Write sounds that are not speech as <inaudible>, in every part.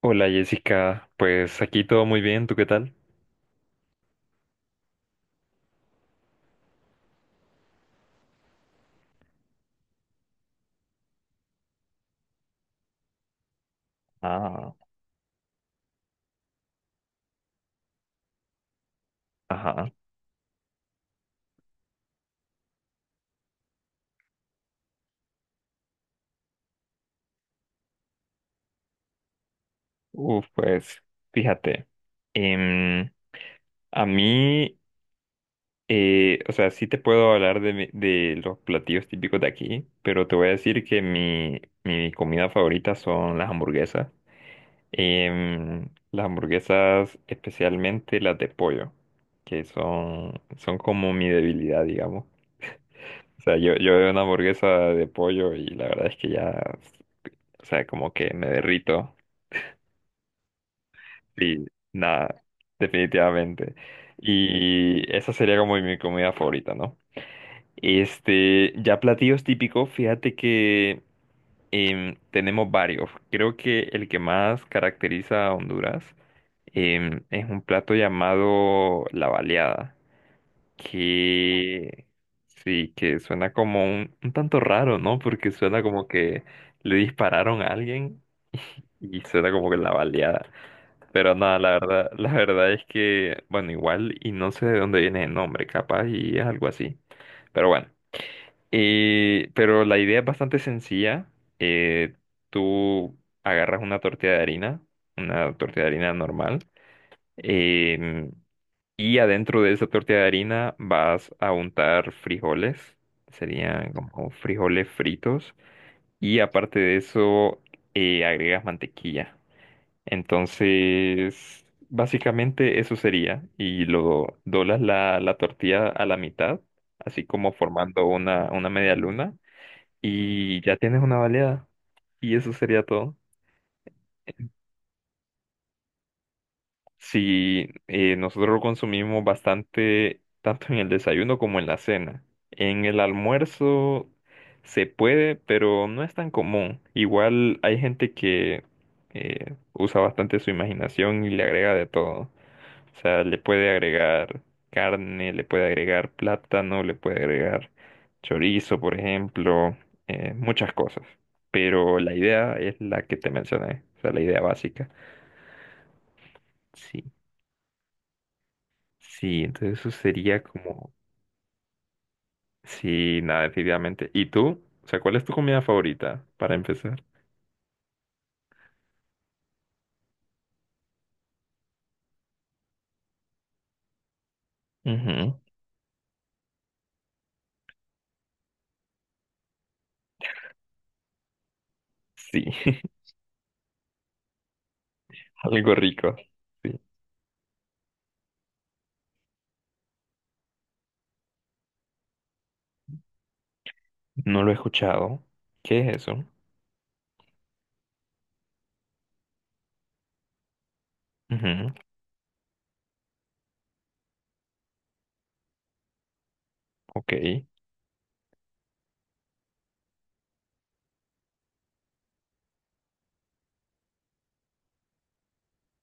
Hola Jessica, pues aquí todo muy bien, ¿tú qué tal? Ah, ajá. Uf, pues, fíjate. em, a mí, o sea, sí te puedo hablar de, de los platillos típicos de aquí, pero te voy a decir que mi comida favorita son las hamburguesas. Las hamburguesas, especialmente las de pollo, que son, son como mi debilidad, digamos. O sea, yo veo una hamburguesa de pollo y la verdad es que ya, o sea, como que me derrito. Y nada, definitivamente. Y esa sería como mi comida favorita, ¿no? Este, ya platillos típicos, fíjate que tenemos varios. Creo que el que más caracteriza a Honduras es un plato llamado la baleada, que sí, que suena como un tanto raro, ¿no? Porque suena como que le dispararon a alguien y suena como que la baleada. Pero nada, la verdad es que, bueno, igual, y no sé de dónde viene el nombre, capaz, y es algo así. Pero bueno, pero la idea es bastante sencilla. Eh, Tú agarras una tortilla de harina, una tortilla de harina normal, em, y adentro de esa tortilla de harina vas a untar frijoles, serían como frijoles fritos, y aparte de eso, agregas mantequilla. Entonces, básicamente eso sería. Y lo doblas la tortilla a la mitad, así como formando una media luna, y ya tienes una baleada. Y eso sería todo. Si nosotros lo consumimos bastante, tanto en el desayuno como en la cena. En el almuerzo se puede, pero no es tan común. Igual hay gente que usa bastante su imaginación y le agrega de todo. O sea, le puede agregar carne, le puede agregar plátano, le puede agregar chorizo, por ejemplo, muchas cosas. Pero la idea es la que te mencioné, o sea, la idea básica. Sí, sí, entonces eso sería como... Sí, nada, definitivamente. ¿Y tú? O sea, ¿cuál es tu comida favorita para empezar? Ujú. Sí, <laughs> algo rico. Sí, no lo he escuchado. ¿Qué es eso? Ujú. Ok.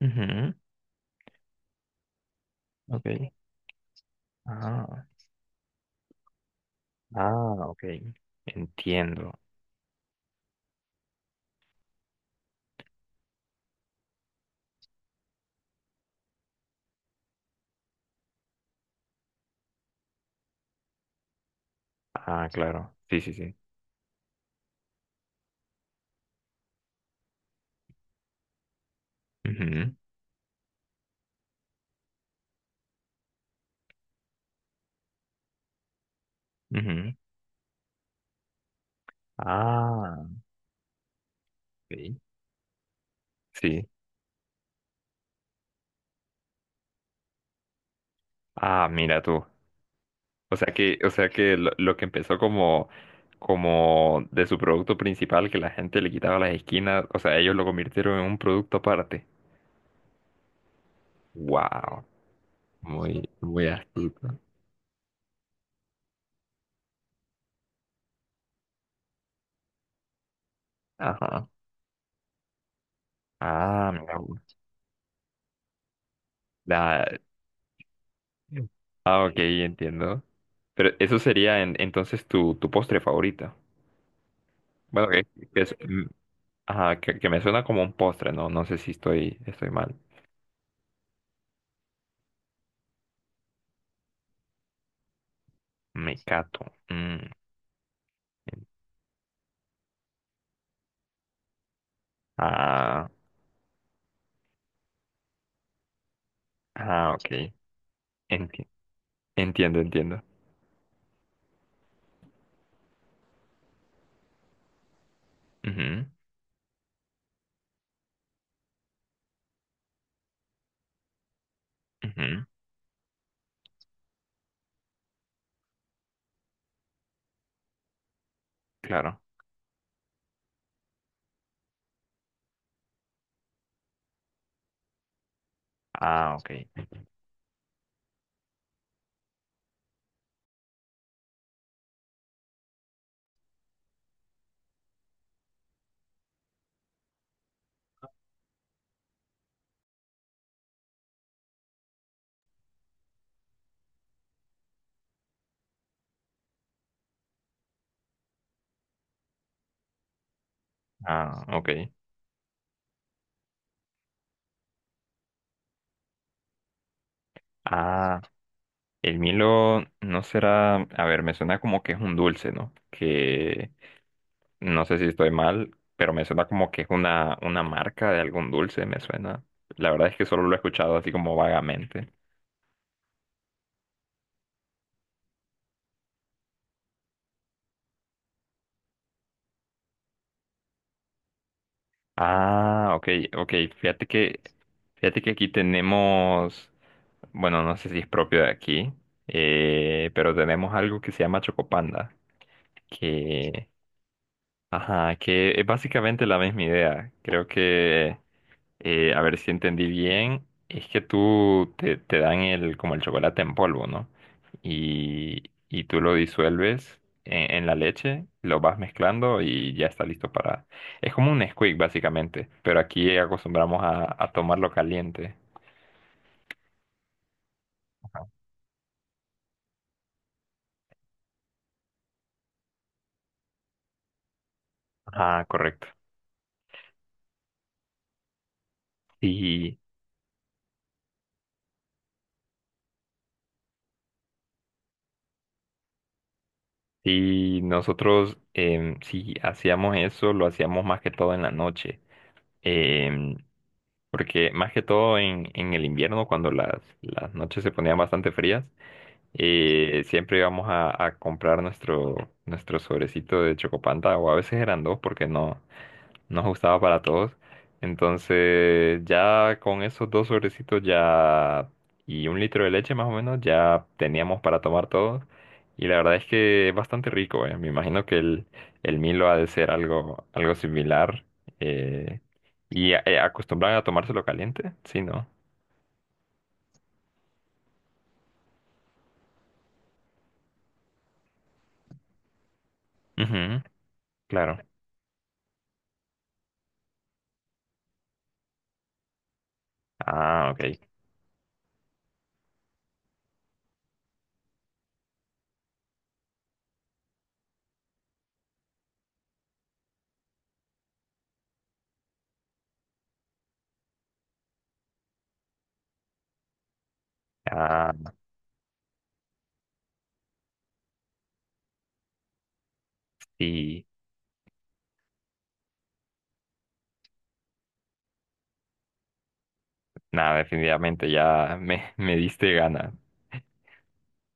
Ujú. Ok. Ah. Ah, ok. Entiendo. Ah, claro. Sí, sí, sí. Ujú, ujú. Ah, sí. Sí. Ah, mira tú. O sea que lo que empezó como, como de su producto principal, que la gente le quitaba las esquinas, o sea, ellos lo convirtieron en un producto aparte. Wow. Muy, muy astuto. Ajá. Ah, mira. Vos. La... Ah, ah, ok, entiendo. Pero eso sería entonces tu postre favorito. Bueno, que es, mm, ajá, que me suena como un postre, ¿no? No sé si estoy, estoy mal. Mecato. Mm. Ah, ah, ok. Enti- Entiendo, entiendo. Ujú, ujú, claro. Ah, ok. Ah, ok. Ah, el Milo no será, a ver, me suena como que es un dulce, ¿no? Que no sé si estoy mal, pero me suena como que es una marca de algún dulce, me suena. La verdad es que solo lo he escuchado así como vagamente. Ah, ok, ok. Fíjate que, fíjate que aquí tenemos, bueno, no sé si es propio de aquí, pero tenemos algo que se llama Chocopanda, que, ajá, que es básicamente la misma idea. Creo que a ver si entendí bien, es que tú te, te dan el, como el chocolate en polvo, ¿no? Y tú lo disuelves en la leche, lo vas mezclando y ya está listo para... Es como un Nesquik, básicamente, pero aquí acostumbramos a tomarlo caliente. Ah, correcto. Sí, sí, nosotros sí hacíamos eso, lo hacíamos más que todo en la noche. Em, Porque más que todo en el invierno, cuando las noches se ponían bastante frías, y siempre íbamos a comprar nuestro, nuestro sobrecito de Chocopanta, o a veces eran dos porque no nos gustaba para todos. Entonces, ya con esos dos sobrecitos ya y un litro de leche más o menos, ya teníamos para tomar todos. Y la verdad es que es bastante rico, eh. Me imagino que el Milo ha de ser algo, algo similar. eh, y acostumbran a tomárselo caliente, sí, ¿no? Ujú, claro. Ah, ok. Ah, sí. Nada, definitivamente ya me diste gana.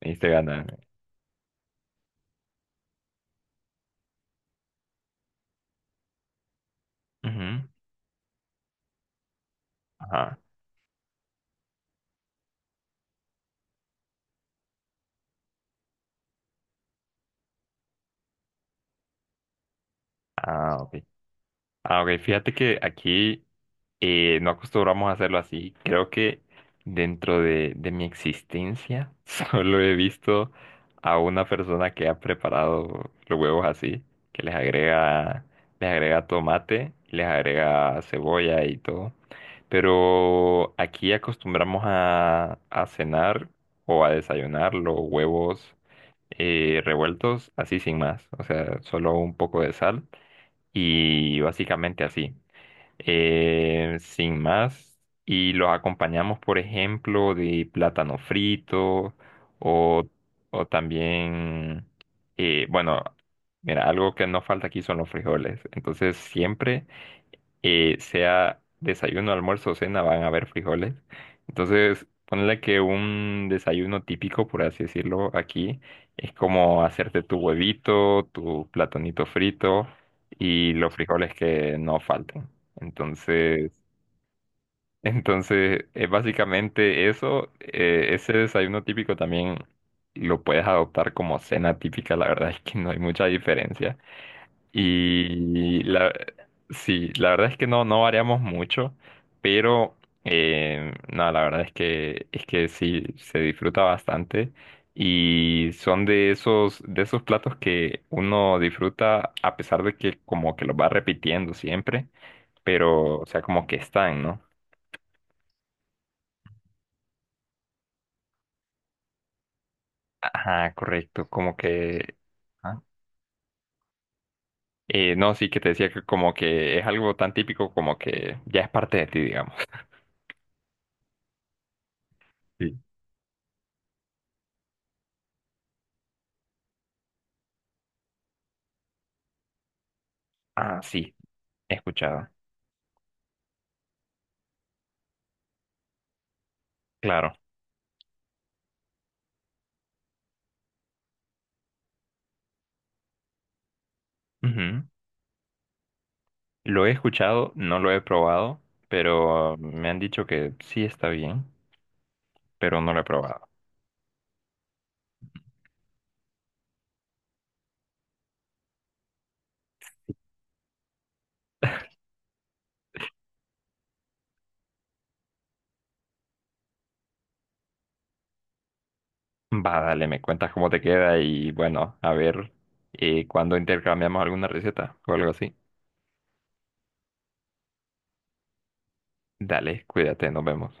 Me diste gana. Ujú. Ajá. Ah, ok. Ah, ok. Fíjate que aquí. No acostumbramos a hacerlo así. Creo que dentro de mi existencia <laughs> solo he visto a una persona que ha preparado los huevos así, que les agrega tomate, les agrega cebolla y todo. Pero aquí acostumbramos a cenar o a desayunar los huevos revueltos así sin más. O sea, solo un poco de sal y básicamente así sin más, y los acompañamos, por ejemplo, de plátano frito o, o también, bueno, mira, algo que no falta aquí son los frijoles. Entonces, siempre y sea desayuno, almuerzo o cena, van a haber frijoles. Entonces, ponle que un desayuno típico, por así decirlo, aquí es como hacerte tu huevito, tu platonito frito y los frijoles que no falten. Entonces, <laughs> entonces es básicamente eso. Ese desayuno típico también lo puedes adoptar como cena típica. La verdad es que no hay mucha diferencia. Y la, sí, la verdad es que no, no variamos mucho, pero no, la verdad es que sí, se disfruta bastante. Y son de esos platos que uno disfruta a pesar de que como que los va repitiendo siempre, pero o sea, como que están, ¿no? Ajá, correcto, como que... ajá. No, sí, que te decía que como que es algo tan típico como que ya es parte de ti, digamos. <laughs> Ah, sí, he escuchado. Claro. Ujú. Lo he escuchado, no lo he probado, pero me han dicho que sí está bien, pero no lo he probado. <laughs> Va, dale, me cuentas cómo te queda y bueno, a ver cuándo intercambiamos alguna receta o algo así. Dale, cuídate, nos vemos.